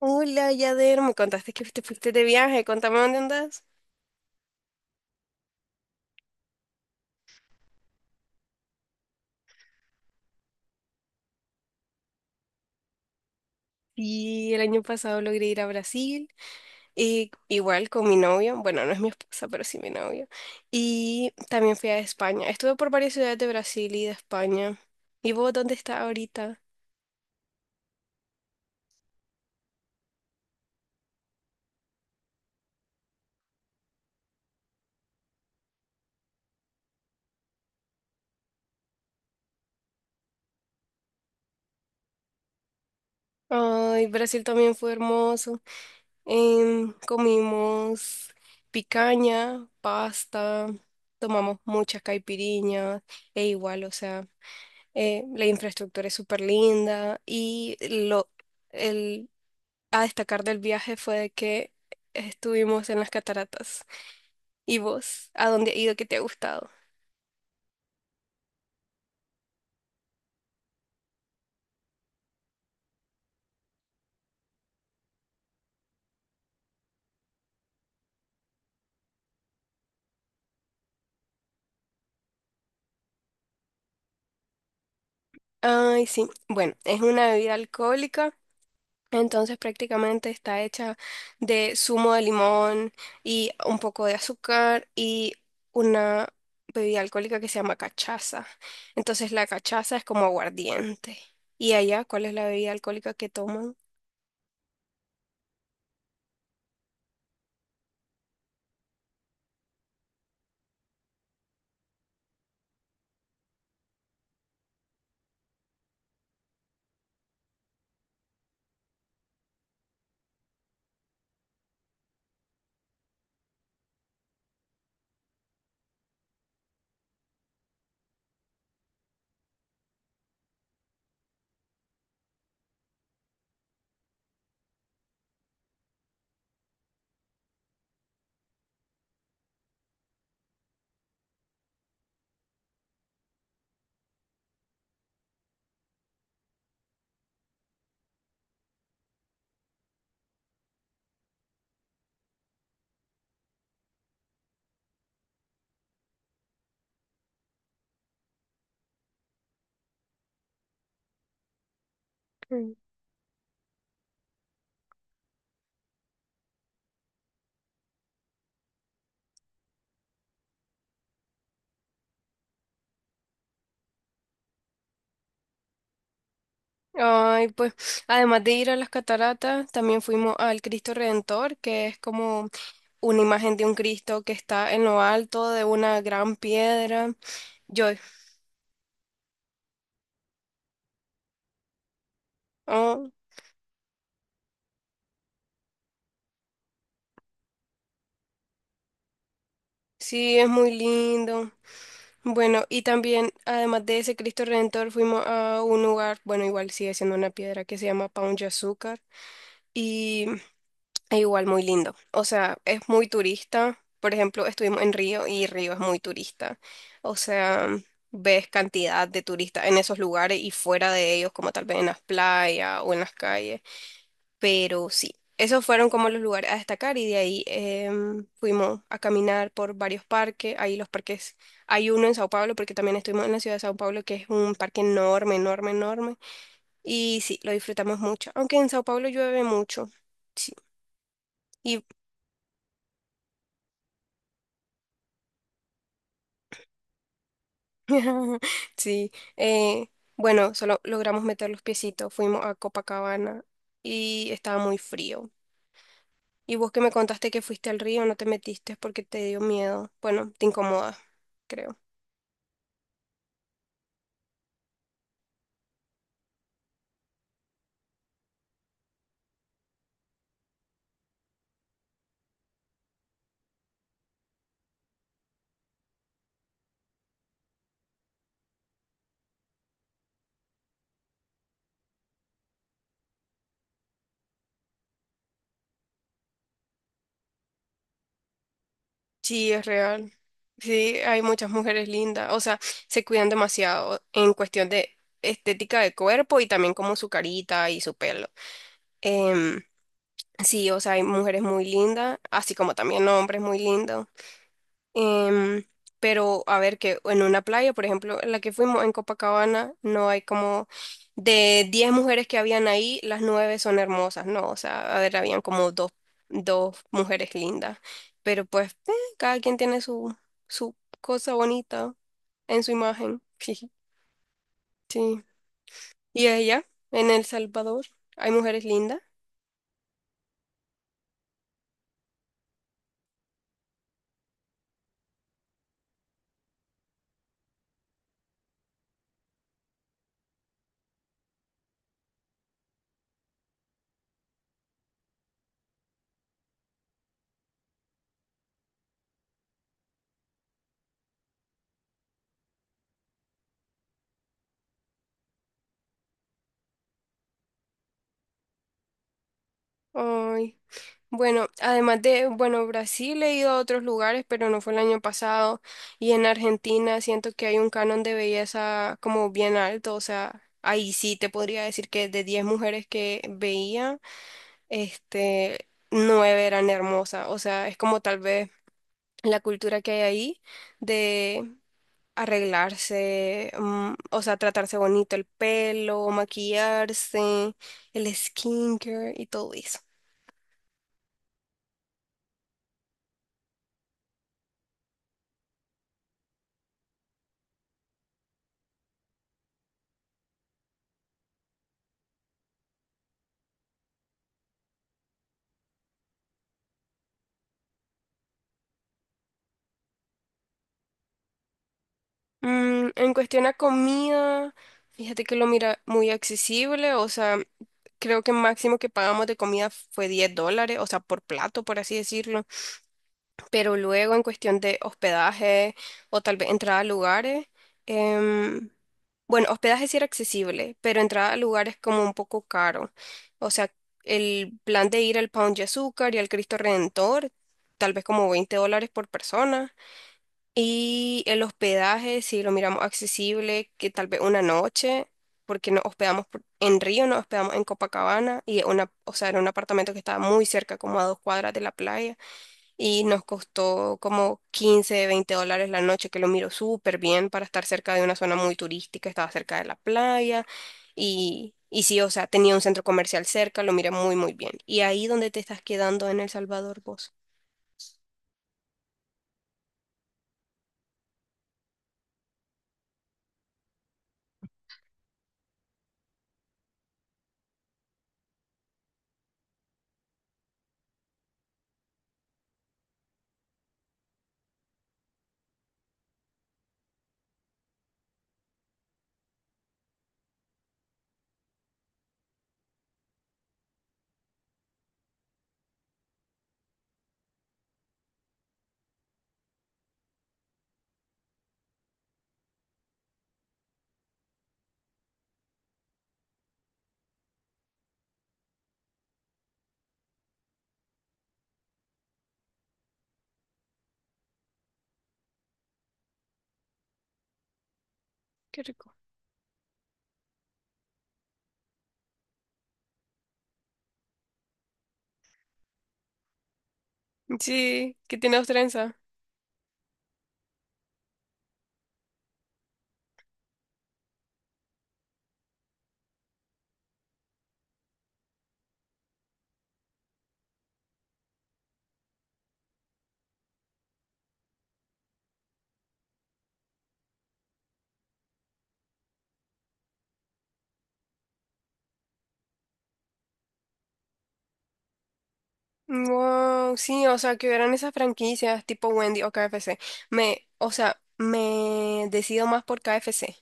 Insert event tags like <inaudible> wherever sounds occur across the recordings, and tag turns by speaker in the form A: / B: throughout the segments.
A: Hola, Yader, me contaste que te fuiste de viaje, contame dónde andas. Y el año pasado logré ir a Brasil, y igual con mi novio, bueno, no es mi esposa, pero sí mi novio. Y también fui a España. Estuve por varias ciudades de Brasil y de España. ¿Y vos dónde estás ahorita? Ay, Brasil también fue hermoso. Comimos picaña, pasta, tomamos muchas caipiriñas, e igual, o sea. La infraestructura es súper linda y el, a destacar del viaje fue de que estuvimos en las cataratas. ¿Y vos? ¿A dónde has ido que te ha gustado? Ay, sí. Bueno, es una bebida alcohólica. Entonces prácticamente está hecha de zumo de limón y un poco de azúcar y una bebida alcohólica que se llama cachaza. Entonces la cachaza es como aguardiente. ¿Y allá cuál es la bebida alcohólica que toman? Mm. Ay, pues además de ir a las cataratas, también fuimos al Cristo Redentor, que es como una imagen de un Cristo que está en lo alto de una gran piedra. Yo, oh, sí, es muy lindo. Bueno, y también, además de ese Cristo Redentor, fuimos a un lugar, bueno, igual sigue siendo una piedra que se llama Paun Azúcar y es igual muy lindo. O sea, es muy turista. Por ejemplo, estuvimos en Río y Río es muy turista. O sea, ves cantidad de turistas en esos lugares y fuera de ellos, como tal vez en las playas o en las calles. Pero sí, esos fueron como los lugares a destacar y de ahí fuimos a caminar por varios parques. Ahí los parques, hay uno en Sao Paulo porque también estuvimos en la ciudad de Sao Paulo que es un parque enorme, enorme, enorme. Y sí, lo disfrutamos mucho, aunque en Sao Paulo llueve mucho. Sí, y <laughs> sí, eh, bueno, solo logramos meter los piecitos, fuimos a Copacabana y estaba muy frío. Y vos que me contaste que fuiste al río, no te metiste porque te dio miedo. Bueno, te incomoda, creo. Sí, es real. Sí, hay muchas mujeres lindas. O sea, se cuidan demasiado en cuestión de estética de cuerpo y también como su carita y su pelo. Em, sí, o sea, hay mujeres muy lindas, así como también hombres muy lindos. Em, pero a ver, que en una playa, por ejemplo, en la que fuimos en Copacabana, no hay como de 10 mujeres que habían ahí, las 9 son hermosas, ¿no? O sea, a ver, habían como dos mujeres lindas, pero pues cada quien tiene su cosa bonita en su imagen. <laughs> Sí. ¿Y ella? ¿En El Salvador? ¿Hay mujeres lindas? Ay. Bueno, además de, bueno, Brasil he ido a otros lugares, pero no fue el año pasado. Y en Argentina siento que hay un canon de belleza como bien alto. O sea, ahí sí te podría decir que de 10 mujeres que veía, este, 9 eran hermosas. O sea, es como tal vez la cultura que hay ahí de arreglarse, o sea, tratarse bonito el pelo, maquillarse, el skincare y todo eso. En cuestión a comida, fíjate que lo mira muy accesible, o sea, creo que máximo que pagamos de comida fue 10 dólares, o sea, por plato, por así decirlo. Pero luego en cuestión de hospedaje o tal vez entrada a lugares, em, bueno, hospedaje sí era accesible, pero entrada a lugares como un poco caro. O sea, el plan de ir al Pound de Azúcar y al Cristo Redentor, tal vez como 20 dólares por persona. Y el hospedaje, si lo miramos accesible, que tal vez una noche, porque nos hospedamos en Río, nos hospedamos en Copacabana, y una, o sea, era un apartamento que estaba muy cerca, como a dos cuadras de la playa, y nos costó como 15 20 dólares la noche, que lo miro súper bien para estar cerca de una zona muy turística, estaba cerca de la playa, y sí, o sea, tenía un centro comercial cerca, lo miré muy, muy bien. ¿Y ahí donde te estás quedando en El Salvador vos? Qué rico. Sí, ¿qué tiene trenza? Wow, sí, o sea, que hubieran esas franquicias tipo Wendy o KFC. O sea, me decido más por KFC.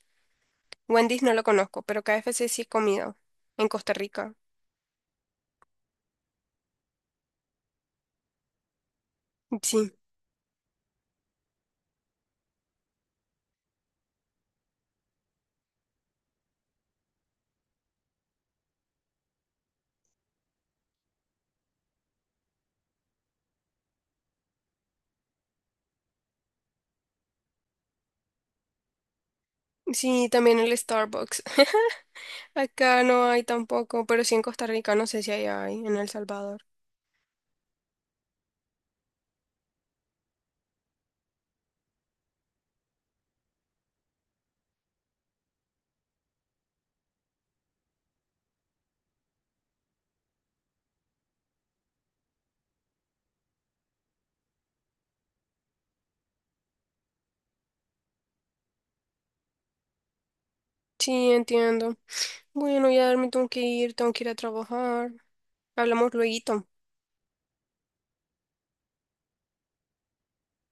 A: Wendy's no lo conozco, pero KFC sí he comido en Costa Rica. Sí, sí, también el Starbucks. <laughs> Acá no hay tampoco, pero sí en Costa Rica, no sé si hay en El Salvador. Sí, entiendo. Bueno, ya me tengo que ir a trabajar. Hablamos luego.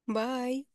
A: Bye.